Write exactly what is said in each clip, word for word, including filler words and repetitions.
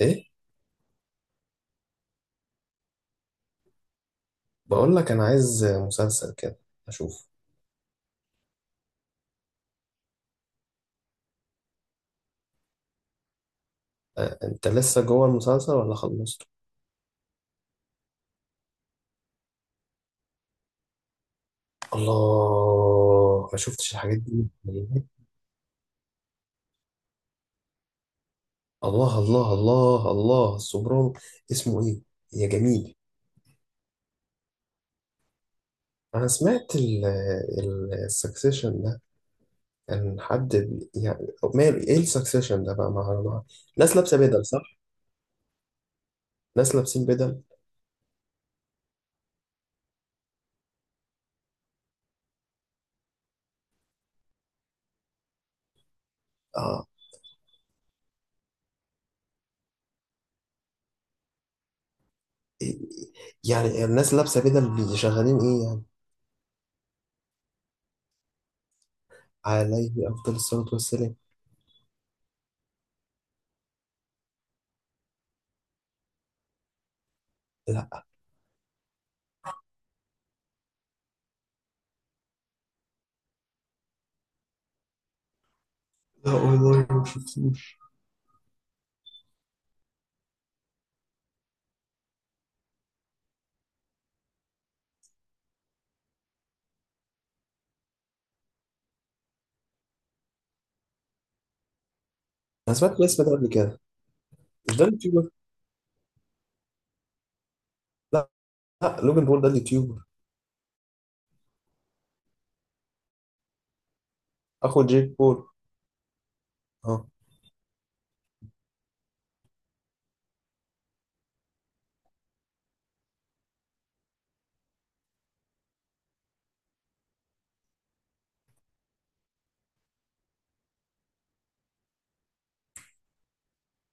ايه. بقول لك انا عايز مسلسل كده اشوف. أه، انت لسه جوه المسلسل ولا خلصته؟ الله، ما شفتش الحاجات دي. الله الله الله الله السوبرانو. اسمه ايه يا جميل؟ انا سمعت ال ال- السكسيشن ده. كان حد بي- يعني ماله ايه السكسيشن ده بقى مع مع- ناس لابسه بدل، صح؟ ناس لابسين بدل. اه. إيه- يعني الناس لابسه بدل شغالين ايه يعني؟ عليه افضل الصلاه والسلام. لا، لا والله ما شفتوش. انا سمعت الاسم ده قبل كده. مش ده اليوتيوبر؟ لا، لا، لوجان بول ده اليوتيوبر، اخو جيك بول. اه.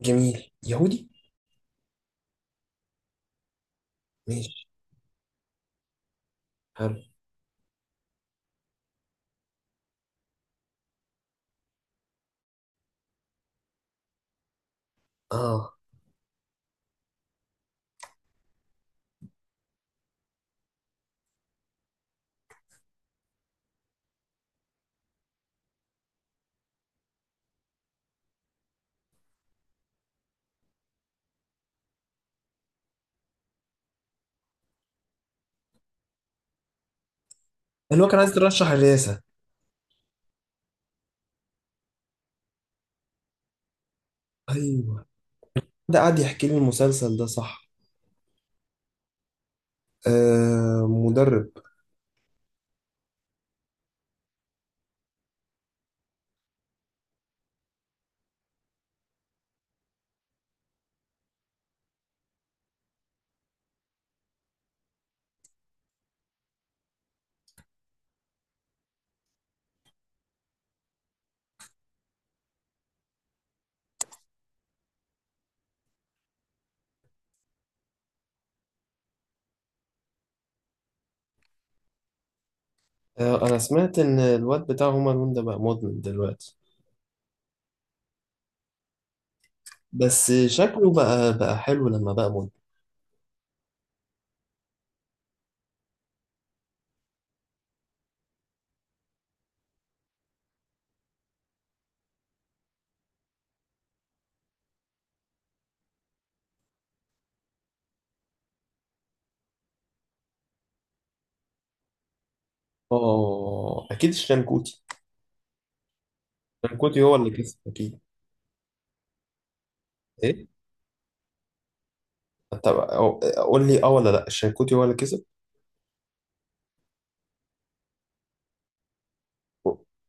جميل يهودي. ماشي. حلو. اه، اللي هو كان عايز يترشح الرئاسة. ايوه، ده قاعد يحكي لي المسلسل ده صح. آه، مدرب. آه، انا سمعت ان الواد بتاع هما لون ده بقى مدمن دلوقتي. بس شكله بقى بقى حلو لما بقى مدمن. اه، اكيد الشنكوتي. الشنكوتي هو اللي كسب اكيد. ايه؟ طب أو- قول لي اه ولا لا. الشنكوتي هو اللي كسب.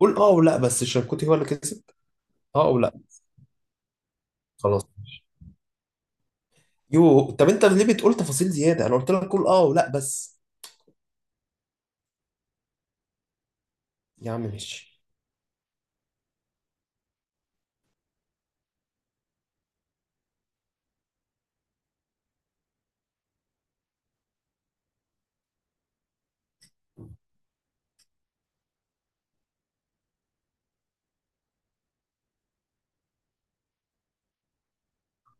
قول اه ولا بس. الشنكوتي هو اللي كسب، اه ولا؟ خلاص. يو، طب انت ليه بتقول تفاصيل زياده؟ انا قلت لك قول اه ولا بس. يا عم ماشي.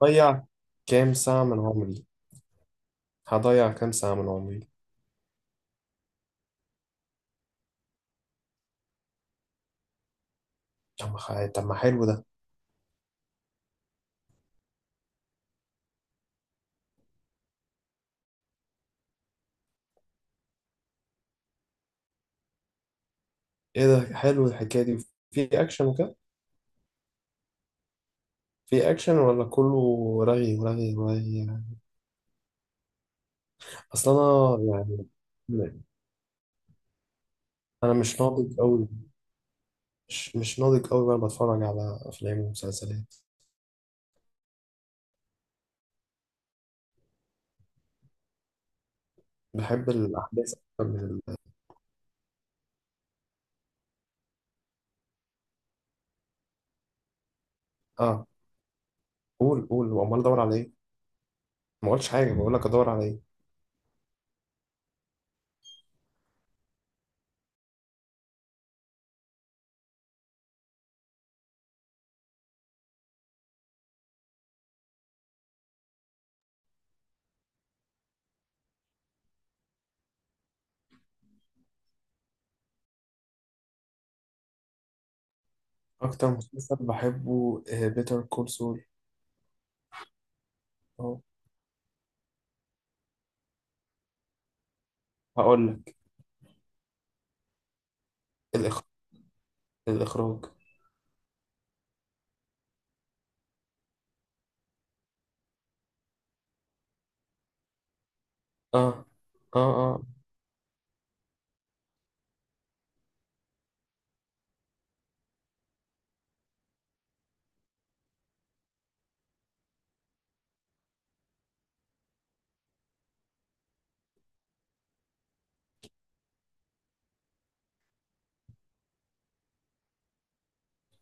ضيع كام ساعه من عمري. هضيع كام ساعه من عمري؟ طب ما خ- طب ما حلو ده. ايه ده، حلو الحكايه دي. في اكشن وكده؟ في اكشن ولا كله رغي ورغي ورغي؟ اصل انا يعني انا مش ناضج قوي. مش مش ناضج قوي وانا بتفرج على افلام ومسلسلات. بحب الاحداث اكتر من ال-. اه، قول قول. وامال ادور على ايه؟ ما قلتش حاجة، بقول لك أدور على إيه؟ أكتر مسلسل بحبه بيتر كول سول. أهو، هقول لك. الإخ... الإخراج. آه آه آه.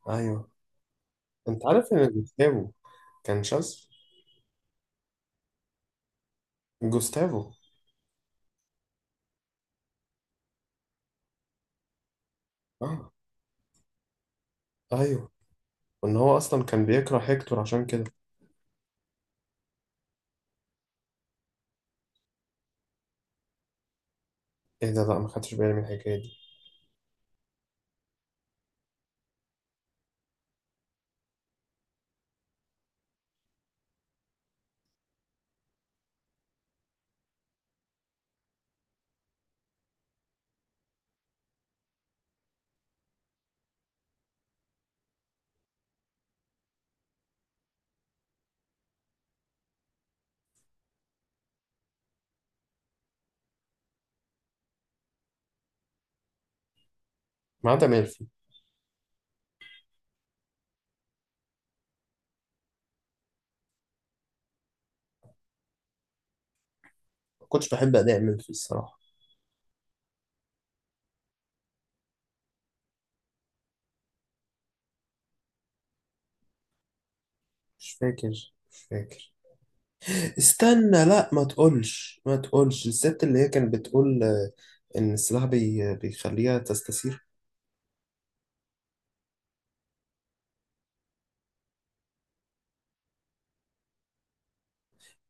أيوه. أنت عارف إن جوستافو كان شاذ؟ جوستافو. آه، أيوه، وإن هو أصلا كان بيكره هيكتور عشان كده. إيه ده؟ لأ، ما خدتش بالي من الحكاية دي. ما عدا ميلفي. ما كنتش بحب أداء ميلفي الصراحة. مش فاكر مش فاكر استنى. لأ، ما تقولش ما تقولش، الست اللي هي كانت بتقول آه، إن السلاح بي... بيخليها تستثير.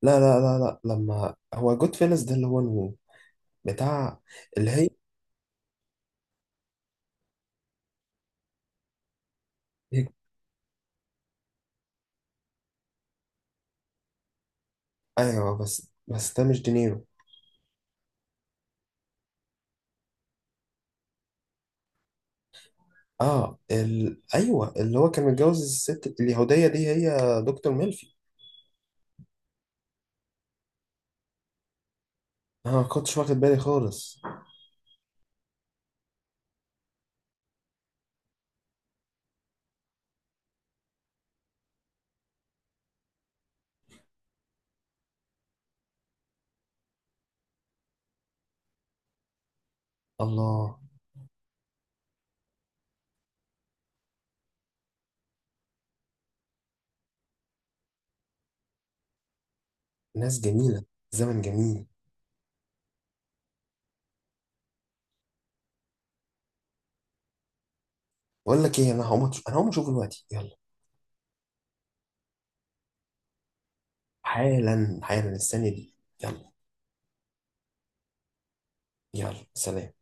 لا لا لا لا، لما هو جود فيلز ده، اللي هو الو بتاع، اللي هي. ايوه، بس بس ده مش دينيرو. اه، ال... ايوه اللي هو كان متجوز الست اليهودية دي، هي دكتور ميلفي. انا ما كنتش واخد بالي خالص. الله. ناس جميلة. زمن جميل. بقول لك ايه، انا هقوم أتش- انا هقوم اشوفه دلوقتي يلا. حالا حالا الثانية دي. يلا. يلا سلام.